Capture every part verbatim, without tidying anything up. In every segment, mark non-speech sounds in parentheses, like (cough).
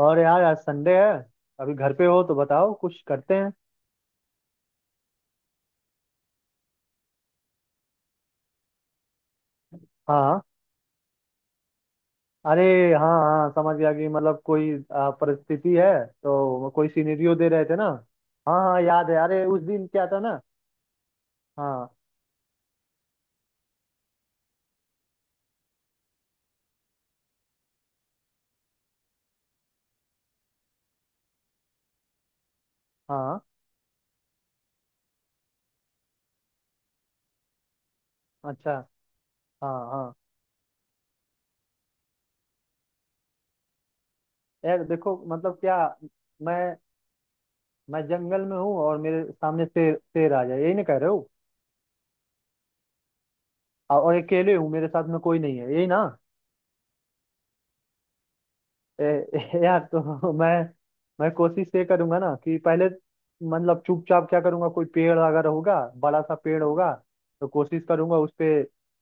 और यार आज संडे है। अभी घर पे हो तो बताओ कुछ करते हैं। हाँ। अरे, हाँ हाँ, समझ गया कि मतलब कोई आ, परिस्थिति है तो कोई सिनेरियो दे रहे थे ना। हाँ हाँ, याद है। अरे, उस दिन क्या था ना। हाँ। हाँ। अच्छा। हाँ हाँ। यार देखो, मतलब क्या, मैं मैं जंगल में हूँ और मेरे सामने शेर शेर आ जाए, यही ना कह रहे हो। और अकेले हूँ, मेरे साथ में कोई नहीं है, यही ना। ए, (laughs) यार तो मैं मैं कोशिश ये करूंगा ना कि पहले, मतलब चुपचाप क्या करूंगा, कोई पेड़ अगर होगा, बड़ा सा पेड़ होगा, तो कोशिश करूंगा उस पे,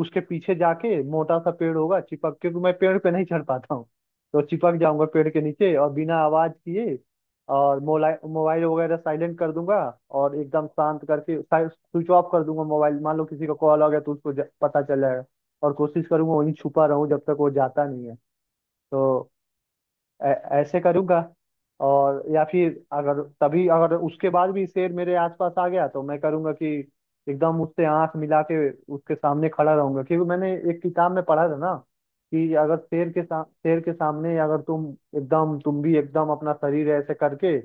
उसके पीछे जाके। मोटा सा पेड़ होगा, चिपक, क्योंकि मैं पेड़ पे नहीं चढ़ पाता हूँ, तो चिपक जाऊंगा पेड़ के नीचे और बिना आवाज किए। और मोबाइल मोबाइल वगैरह साइलेंट कर दूंगा और एकदम शांत करके स्विच ऑफ कर दूंगा मोबाइल। मान लो किसी का कॉल आ गया तो उसको ज- पता चल जाएगा। और कोशिश करूंगा वहीं छुपा रहूं जब तक वो जाता नहीं है। तो ऐ- ऐसे करूंगा। और या फिर अगर तभी, अगर उसके बाद भी शेर मेरे आसपास आ गया, तो मैं करूंगा कि एकदम उससे आंख मिला के उसके सामने खड़ा रहूंगा, क्योंकि मैंने एक किताब में पढ़ा था ना कि अगर शेर के सा, शेर के सामने अगर तुम एकदम, तुम भी एकदम अपना शरीर ऐसे करके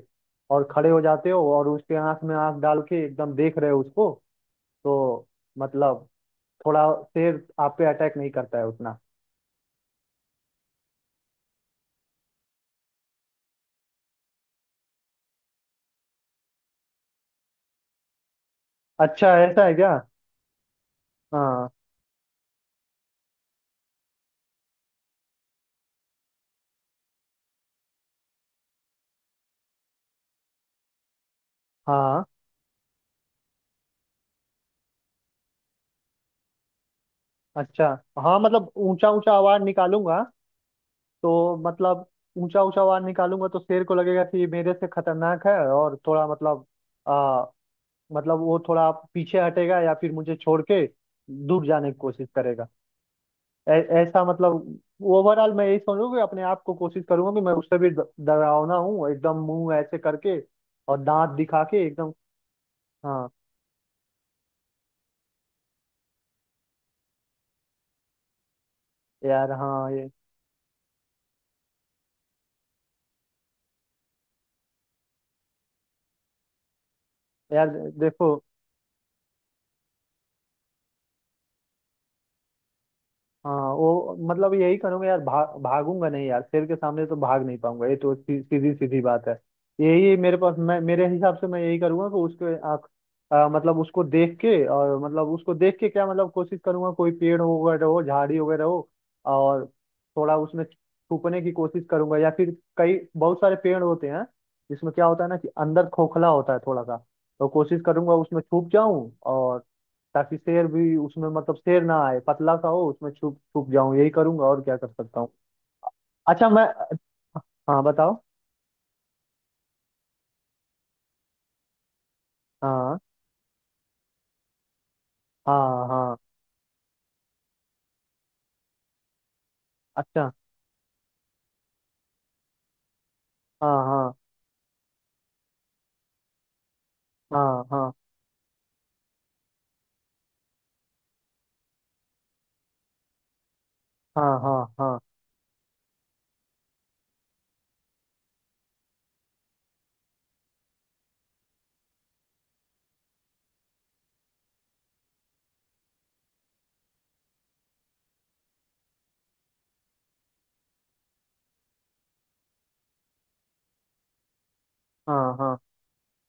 और खड़े हो जाते हो और उसके आंख में आंख डाल के एकदम देख रहे हो उसको, तो मतलब थोड़ा शेर आप पे अटैक नहीं करता है उतना। अच्छा, ऐसा है क्या। हाँ हाँ। अच्छा, हाँ मतलब ऊंचा ऊंचा आवाज निकालूंगा। तो मतलब ऊंचा ऊंचा आवाज निकालूंगा तो शेर को लगेगा कि ये मेरे से खतरनाक है और थोड़ा मतलब आ, मतलब वो थोड़ा पीछे हटेगा या फिर मुझे छोड़ के दूर जाने की कोशिश करेगा। ऐ- ऐसा मतलब, ओवरऑल मैं यही समझूंगा कि अपने आप को कोशिश करूंगा कि मैं उससे भी ड- डरावना हूँ, एकदम मुंह ऐसे करके और दांत दिखा के एकदम। हाँ। यार, हाँ ये। यार देखो। हाँ वो मतलब यही करूंगा यार, भा, भागूंगा नहीं यार, शेर के सामने तो भाग नहीं पाऊंगा, ये तो सी, सीधी सीधी बात है। यही मेरे पास, मैं मेरे हिसाब से मैं यही करूंगा कि उसके आँख, आ, मतलब उसको देख के, और मतलब उसको देख के क्या, मतलब कोशिश करूंगा कोई पेड़ वगैरह हो, झाड़ी वगैरह हो और थोड़ा उसमें छुपने की कोशिश करूंगा। या फिर कई बहुत सारे पेड़ होते हैं जिसमें क्या होता है ना कि अंदर खोखला होता है थोड़ा सा, तो कोशिश करूंगा उसमें छुप जाऊं, और ताकि शेर भी उसमें, मतलब शेर ना आए, पतला सा हो, उसमें छुप छुप जाऊं, यही करूंगा। और क्या कर सकता हूँ। अच्छा, मैं, हाँ बताओ। हाँ हाँ हाँ। अच्छा। हाँ हाँ हाँ हाँ। हाँ हाँ हाँ हाँ। हाँ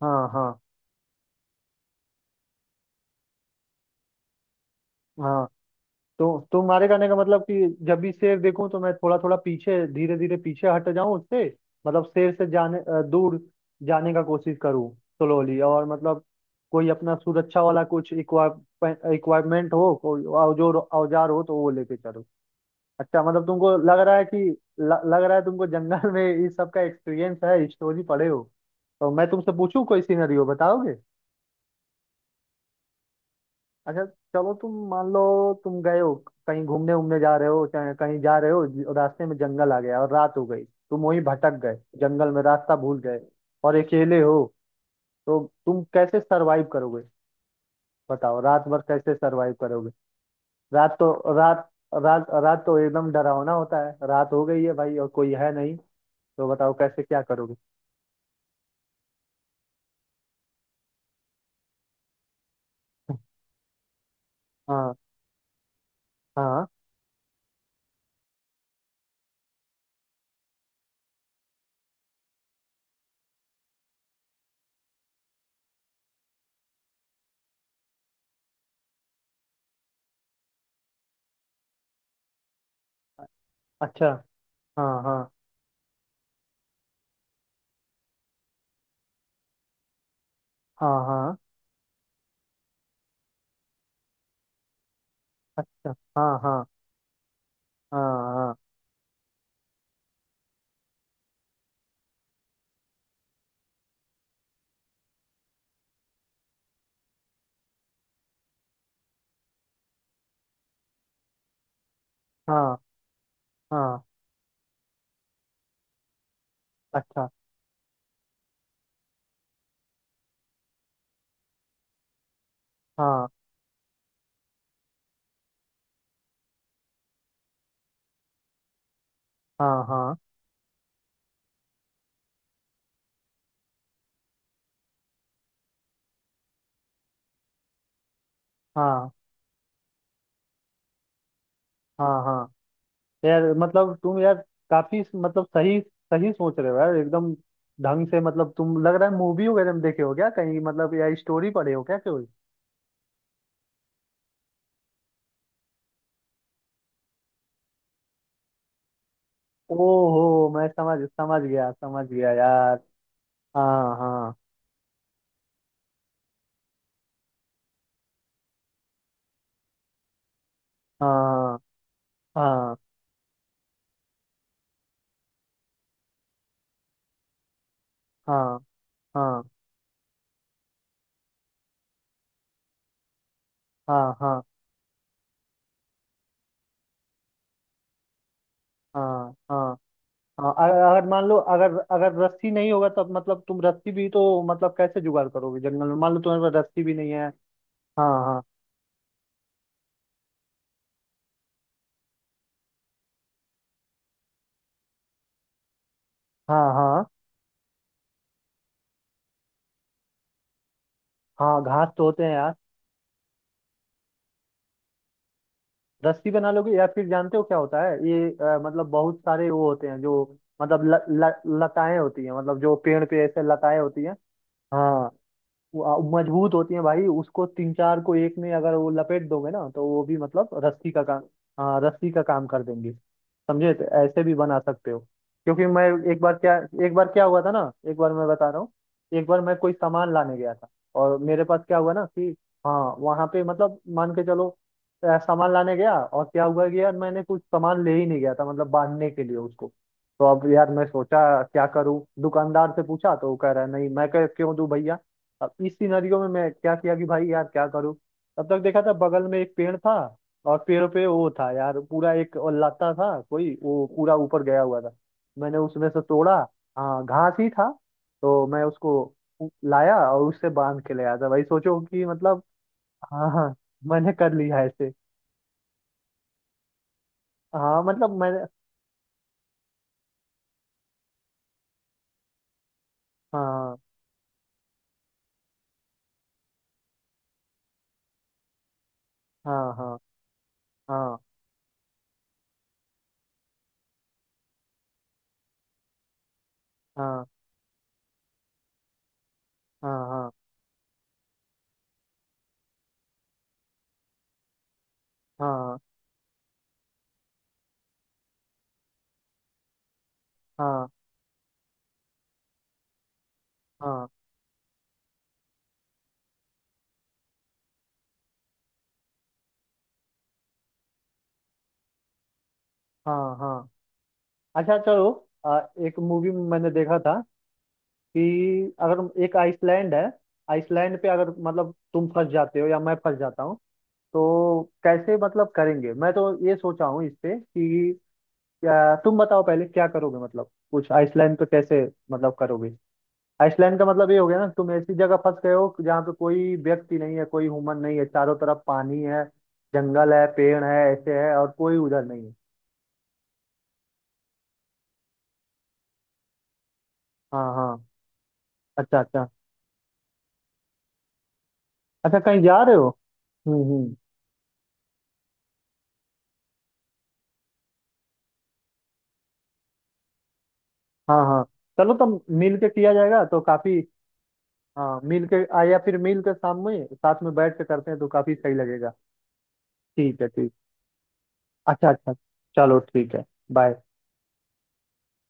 हाँ हाँ हाँ। तो तुम्हारे कहने का मतलब कि जब भी शेर देखूं तो मैं थोड़ा थोड़ा पीछे, धीरे धीरे पीछे हट जाऊं उससे। मतलब शेर से जाने, अ, दूर जाने का कोशिश करूं स्लोली, और मतलब कोई अपना सुरक्षा वाला कुछ इक्वाइपमेंट हो, कोई औजोर औजार हो तो वो लेके चलो। अच्छा, मतलब तुमको लग रहा है कि, ल, लग रहा है तुमको जंगल में इस सब का एक्सपीरियंस है, स्टोरी पढ़े हो, तो मैं तुमसे पूछूं कोई सिनेरियो बताओगे। अच्छा, चलो तुम मान लो, तुम गए हो कहीं घूमने उमने जा रहे हो, चाहे कहीं जा रहे हो, ज- रास्ते में जंगल आ गया और रात हो गई, तुम वहीं भटक गए, जंगल में रास्ता भूल गए और अकेले हो, तो तुम कैसे सरवाइव करोगे। बताओ, रात भर कैसे सरवाइव करोगे। रात तो रात रात रात तो एकदम डरावना होता है, रात हो गई है भाई और कोई है नहीं। तो बताओ कैसे, क्या करोगे। (laughs) हाँ हाँ अच्छा हाँ हाँ हाँ हाँ अच्छा हाँ हाँ हाँ हाँ हाँ हाँ। अच्छा। हाँ हाँ हाँ हाँ हाँ हाँ। यार, मतलब तुम यार काफी, मतलब सही, सही सोच रहे हो यार, एकदम ढंग से। मतलब तुम, लग रहा है मूवी वगैरह में देखे हो क्या कहीं, मतलब या स्टोरी पढ़े हो क्या कोई। ओहो, मैं समझ, समझ गया समझ गया यार। हाँ हाँ हाँ हाँ हाँ हाँ हाँ हाँ हाँ हाँ हाँ। अगर अगर मान लो, अगर अगर रस्सी नहीं होगा, तब मतलब तुम रस्सी भी तो मतलब कैसे जुगाड़ करोगे जंगल में, मान लो तुम्हारे पास रस्सी भी नहीं है। हाँ हाँ हाँ हाँ। हाँ घास तो होते हैं यार। रस्सी बना लोगे, या फिर जानते हो क्या होता है ये, अ, मतलब बहुत सारे वो होते हैं जो, मतलब ल, ल, लताएं होती हैं, मतलब जो पेड़ पे ऐसे लताएं होती हैं। हाँ। वो, आ, मजबूत होती है भाई, उसको तीन चार को एक में अगर वो लपेट दोगे ना तो वो भी मतलब रस्सी का काम, हाँ, रस्सी का काम कर देंगी। समझे, तो ऐसे भी बना सकते हो। क्योंकि मैं, एक बार क्या एक बार क्या हुआ था ना, एक बार मैं बता रहा हूँ। एक बार मैं कोई सामान लाने गया था, और मेरे पास क्या हुआ ना कि, हाँ वहाँ पे मतलब मान के चलो, अ, सामान लाने गया और क्या हुआ कि यार मैंने कुछ सामान ले ही नहीं गया था, मतलब बांधने के लिए उसको। तो अब यार मैं सोचा क्या करूं, दुकानदार से पूछा तो वो कह रहा है, नहीं मैं कह क्यों दूं भैया। अब इस सिनेरियो में मैं क्या किया कि भाई यार क्या करूं। तब तक देखा था बगल में एक पेड़ था, और पेड़ पे वो था यार पूरा, एक और लता था कोई, वो पूरा ऊपर गया हुआ था। मैंने उसमें से तोड़ा। हाँ घास ही था। तो मैं उसको, उ- लाया और उससे बांध के ले आया था भाई। सोचो कि मतलब, हाँ हाँ, मैंने कर लिया ऐसे। हाँ मतलब मैंने, हाँ हाँ हाँ हाँ हाँ हाँ हाँ हाँ हाँ हाँ हाँ हाँ हाँ। अच्छा, चलो। आ, एक मूवी मैंने देखा था कि अगर एक आइसलैंड है, आइसलैंड पे अगर मतलब तुम फंस जाते हो या मैं फंस जाता हूँ, तो कैसे मतलब करेंगे। मैं तो ये सोचा हूँ इस पे कि क्या, तुम बताओ पहले क्या करोगे, मतलब कुछ आइसलैंड पे कैसे मतलब करोगे। आइसलैंड का मतलब ये हो गया ना, तुम ऐसी जगह फंस गए हो जहाँ पे कोई व्यक्ति नहीं है, कोई ह्यूमन नहीं है, चारों तरफ पानी है, जंगल है, पेड़ है, ऐसे है और कोई उधर नहीं है। हाँ हाँ। अच्छा अच्छा। अच्छा, कहीं जा रहे हो। हम्म हम्म। हाँ हाँ। चलो, तो मिल के किया जाएगा तो काफी, हाँ मिल के, आ, या फिर मिल के शाम में साथ में बैठ के करते हैं तो काफी सही लगेगा। ठीक है, ठीक। अच्छा अच्छा। चलो ठीक है। बाय।